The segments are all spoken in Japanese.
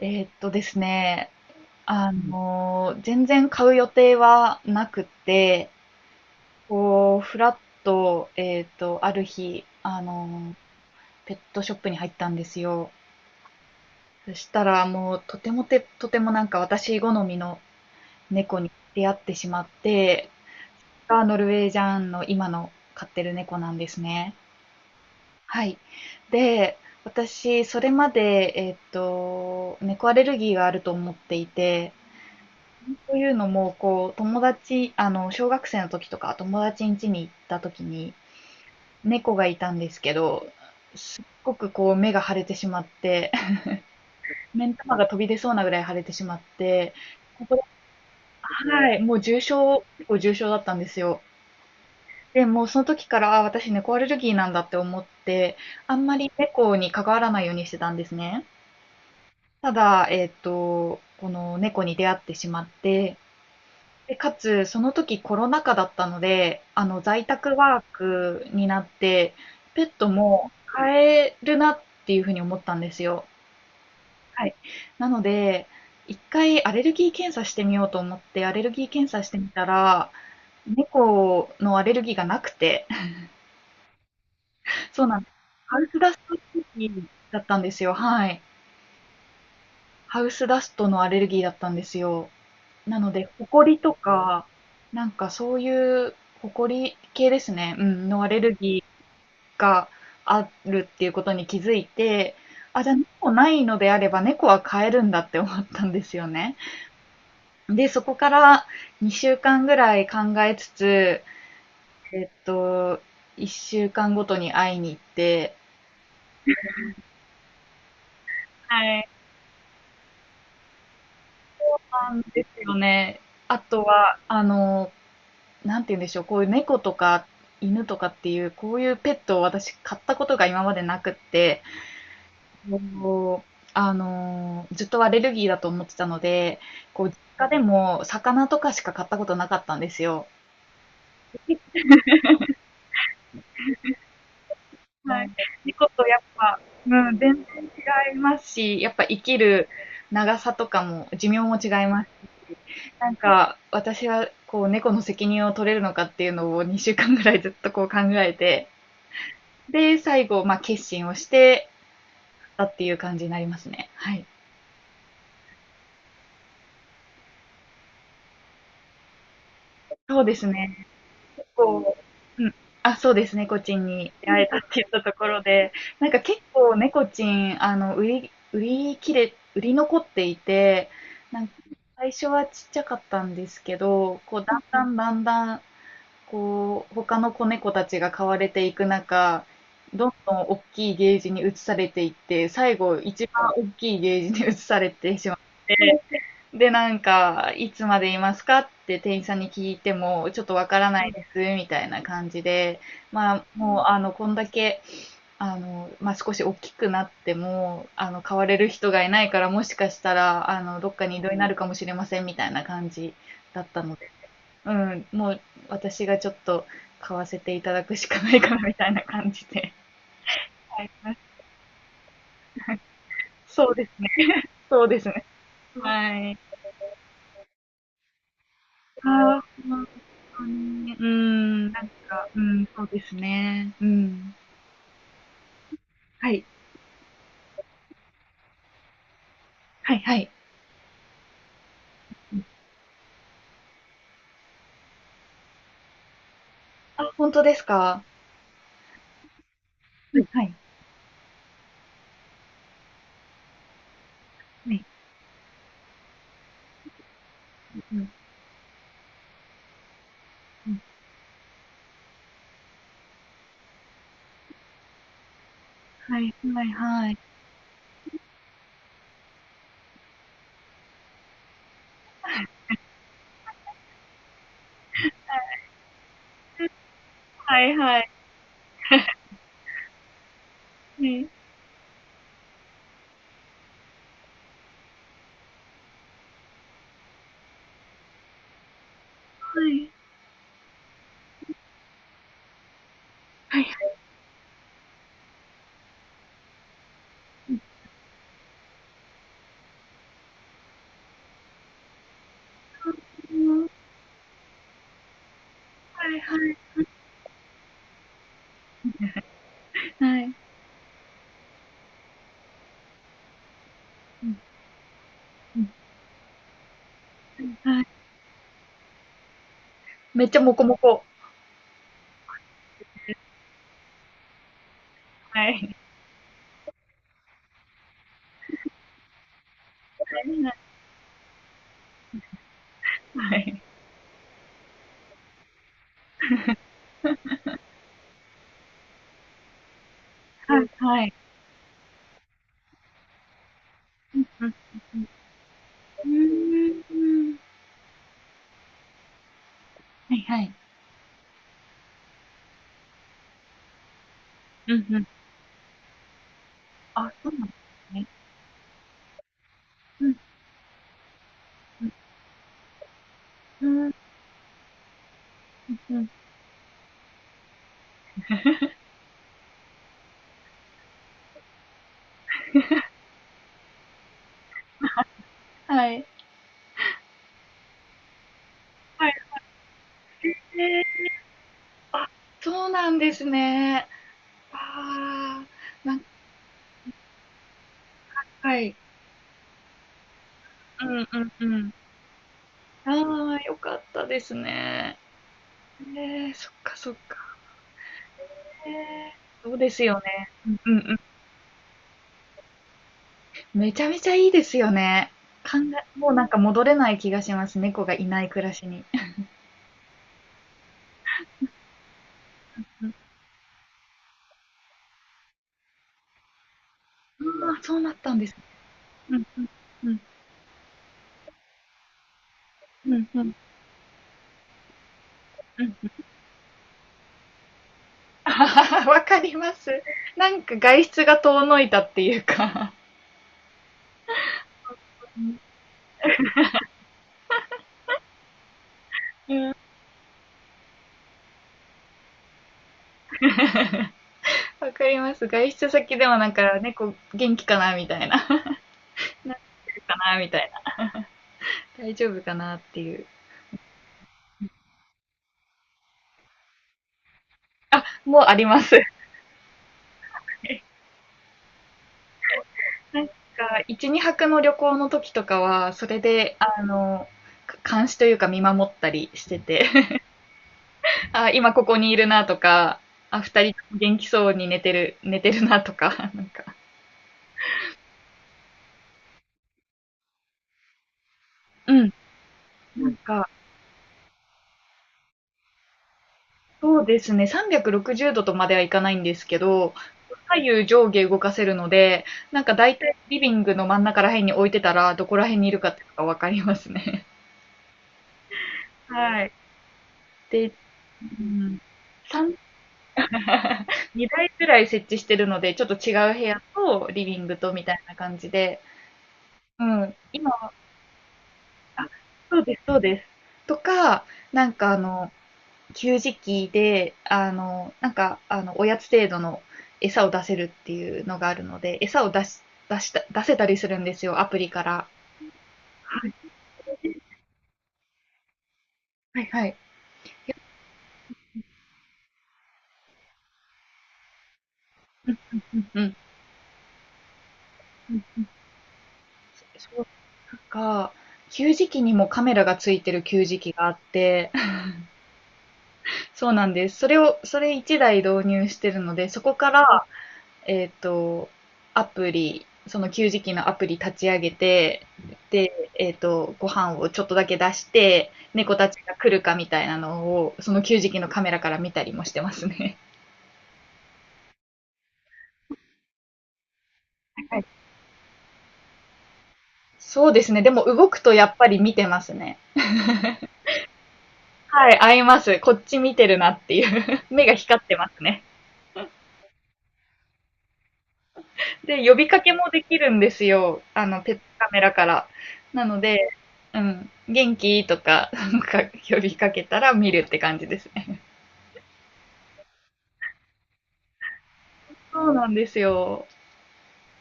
ですね、全然買う予定はなくて、こう、ふらっと、ある日、ペットショップに入ったんですよ。そしたら、もう、とてもなんか私好みの猫に出会ってしまって、がノルウェージャンの今の飼ってる猫なんですね。はい。で、私、それまで、猫アレルギーがあると思っていて、というのも、こう、友達、小学生の時とか、友達ん家に行った時に、猫がいたんですけど、すっごくこう、目が腫れてしまって、目ん玉が飛び出そうなぐらい腫れてしまって、ここはい、もう結構重症だったんですよ。で、もうその時から、あ、私猫アレルギーなんだって思って、あんまり猫に関わらないようにしてたんですね。ただ、この猫に出会ってしまって、で、かつ、その時コロナ禍だったので、在宅ワークになって、ペットも飼えるなっていうふうに思ったんですよ。はい。なので、一回アレルギー検査してみようと思って、アレルギー検査してみたら、猫のアレルギーがなくて、そうなんです。ハウスダストアレルギーだったんですよ。はい。ハウスダストのアレルギーだったんですよ。なので、ホコリとか、なんかそういう、ホコリ系ですね、うん、のアレルギーがあるっていうことに気づいて、あ、じゃあ猫ないのであれば猫は飼えるんだって思ったんですよね。で、そこから2週間ぐらい考えつつ、えっと、1週間ごとに会いに行って、はい、なんですよね。あとは、なんて言うんでしょう、こういう猫とか犬とかっていう、こういうペットを私買ったことが今までなくって、こうずっとアレルギーだと思ってたので、こう、実家でも魚とかしか買ったことなかったんですよ。はい。猫とやっぱ、うん、全然違いますし、やっぱ生きる長さとかも、寿命も違いますし、なんか、私はこう、猫の責任を取れるのかっていうのを2週間ぐらいずっとこう考えて、で、最後、まあ、決心をしてたっていう感じになりますね。はい。そうですね。こうん。あ、そうですね、猫ちんに出会えたって言ったところで、なんか結構猫ちん、売り残っていて、なんか最初はちっちゃかったんですけど、こう、だんだんだんだん、こう、他の子猫たちが飼われていく中、どんどん大きいゲージに移されていって、最後一番大きいゲージに移されてしまってで、なんか、いつまでいますかって店員さんに聞いても、ちょっとわからないです、みたいな感じで、まあ、もう、こんだけ、まあ、少し大きくなっても、買われる人がいないから、もしかしたら、どっかに異動になるかもしれません、みたいな感じだったので、うん、もう、私がちょっと買わせていただくしかないかな、みたいな感じで。そうですね。そうですね。はい。ああ、ほに。うーん、なんかうん、そうね。うん。はい。はいはい。あ、本当ですか？はいはい。はい。うん。はいはいはい。はいはい。うん。はい。はい。うん。はいはい。はい。うん、うん。はい。めっちゃモコモコ。はい。はいはい。はい。はいはい。うんうん。うんうん。うーん。はいはい。うんうん。あ、そうなんですね。うん、うん。うーん。うんうん。はい。はい。へえ、そうなんですね。ああ、なんかはい。うんうんうん。ああ、よかったですね。えー、そっかそっか。えー、そうですよね。うんうん。めちゃめちゃいいですよね。もうなんか戻れない気がします。猫がいない暮らしに。うん。ああ、そうなったんですね。うんうん。うん。うんうんうん。あははわかります。なんか外出が遠のいたっていうか。わかります。外出先でもなんか猫元気かなみたいな。なんかかなみたいな。大丈夫かなっていう。もうあります。なんか、1、2泊の旅行の時とかは、それで、監視というか見守ったりしてて、あ、今ここにいるなとか、あ、二人元気そうに寝てるなとか、なんか、うん。なんか、そうですね、360度とまではいかないんですけど、左右上下動かせるので、なんか大体リビングの真ん中ら辺に置いてたら、どこら辺にいるかっていうのがわかりますね。はい。で、うん、3 2台くらい設置してるので、ちょっと違う部屋とリビングとみたいな感じで、うん、今はそうです、そうです。とか、なんか給餌器で、なんか、おやつ程度の餌を出せるっていうのがあるので、餌を出せたりするんですよ、アプリから。はいはい。うんうんうんうんうんうん。そう、なんか、給餌器にもカメラがついてる給餌器があって、そうなんです。それ1台導入してるので、そこから、えっと、アプリ、その給餌器のアプリ立ち上げて、で、ご飯をちょっとだけ出して、猫たちが来るかみたいなのを、その給餌器のカメラから見たりもしてますね。はいそうですね。でも動くとやっぱり見てますね。はい、合います。こっち見てるなっていう。目が光ってますね。で、呼びかけもできるんですよ。ペットカメラから。なので、うん、元気とか、なんか呼びかけたら見るって感じですね。そうなんですよ。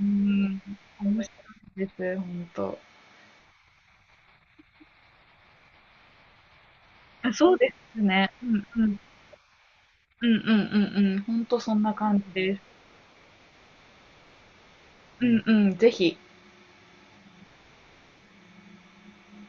うん、面白いです、ほんと。あそうですね。うんうん。うんうんうんうん。ほんとそんな感じです。うんうん、ぜひ。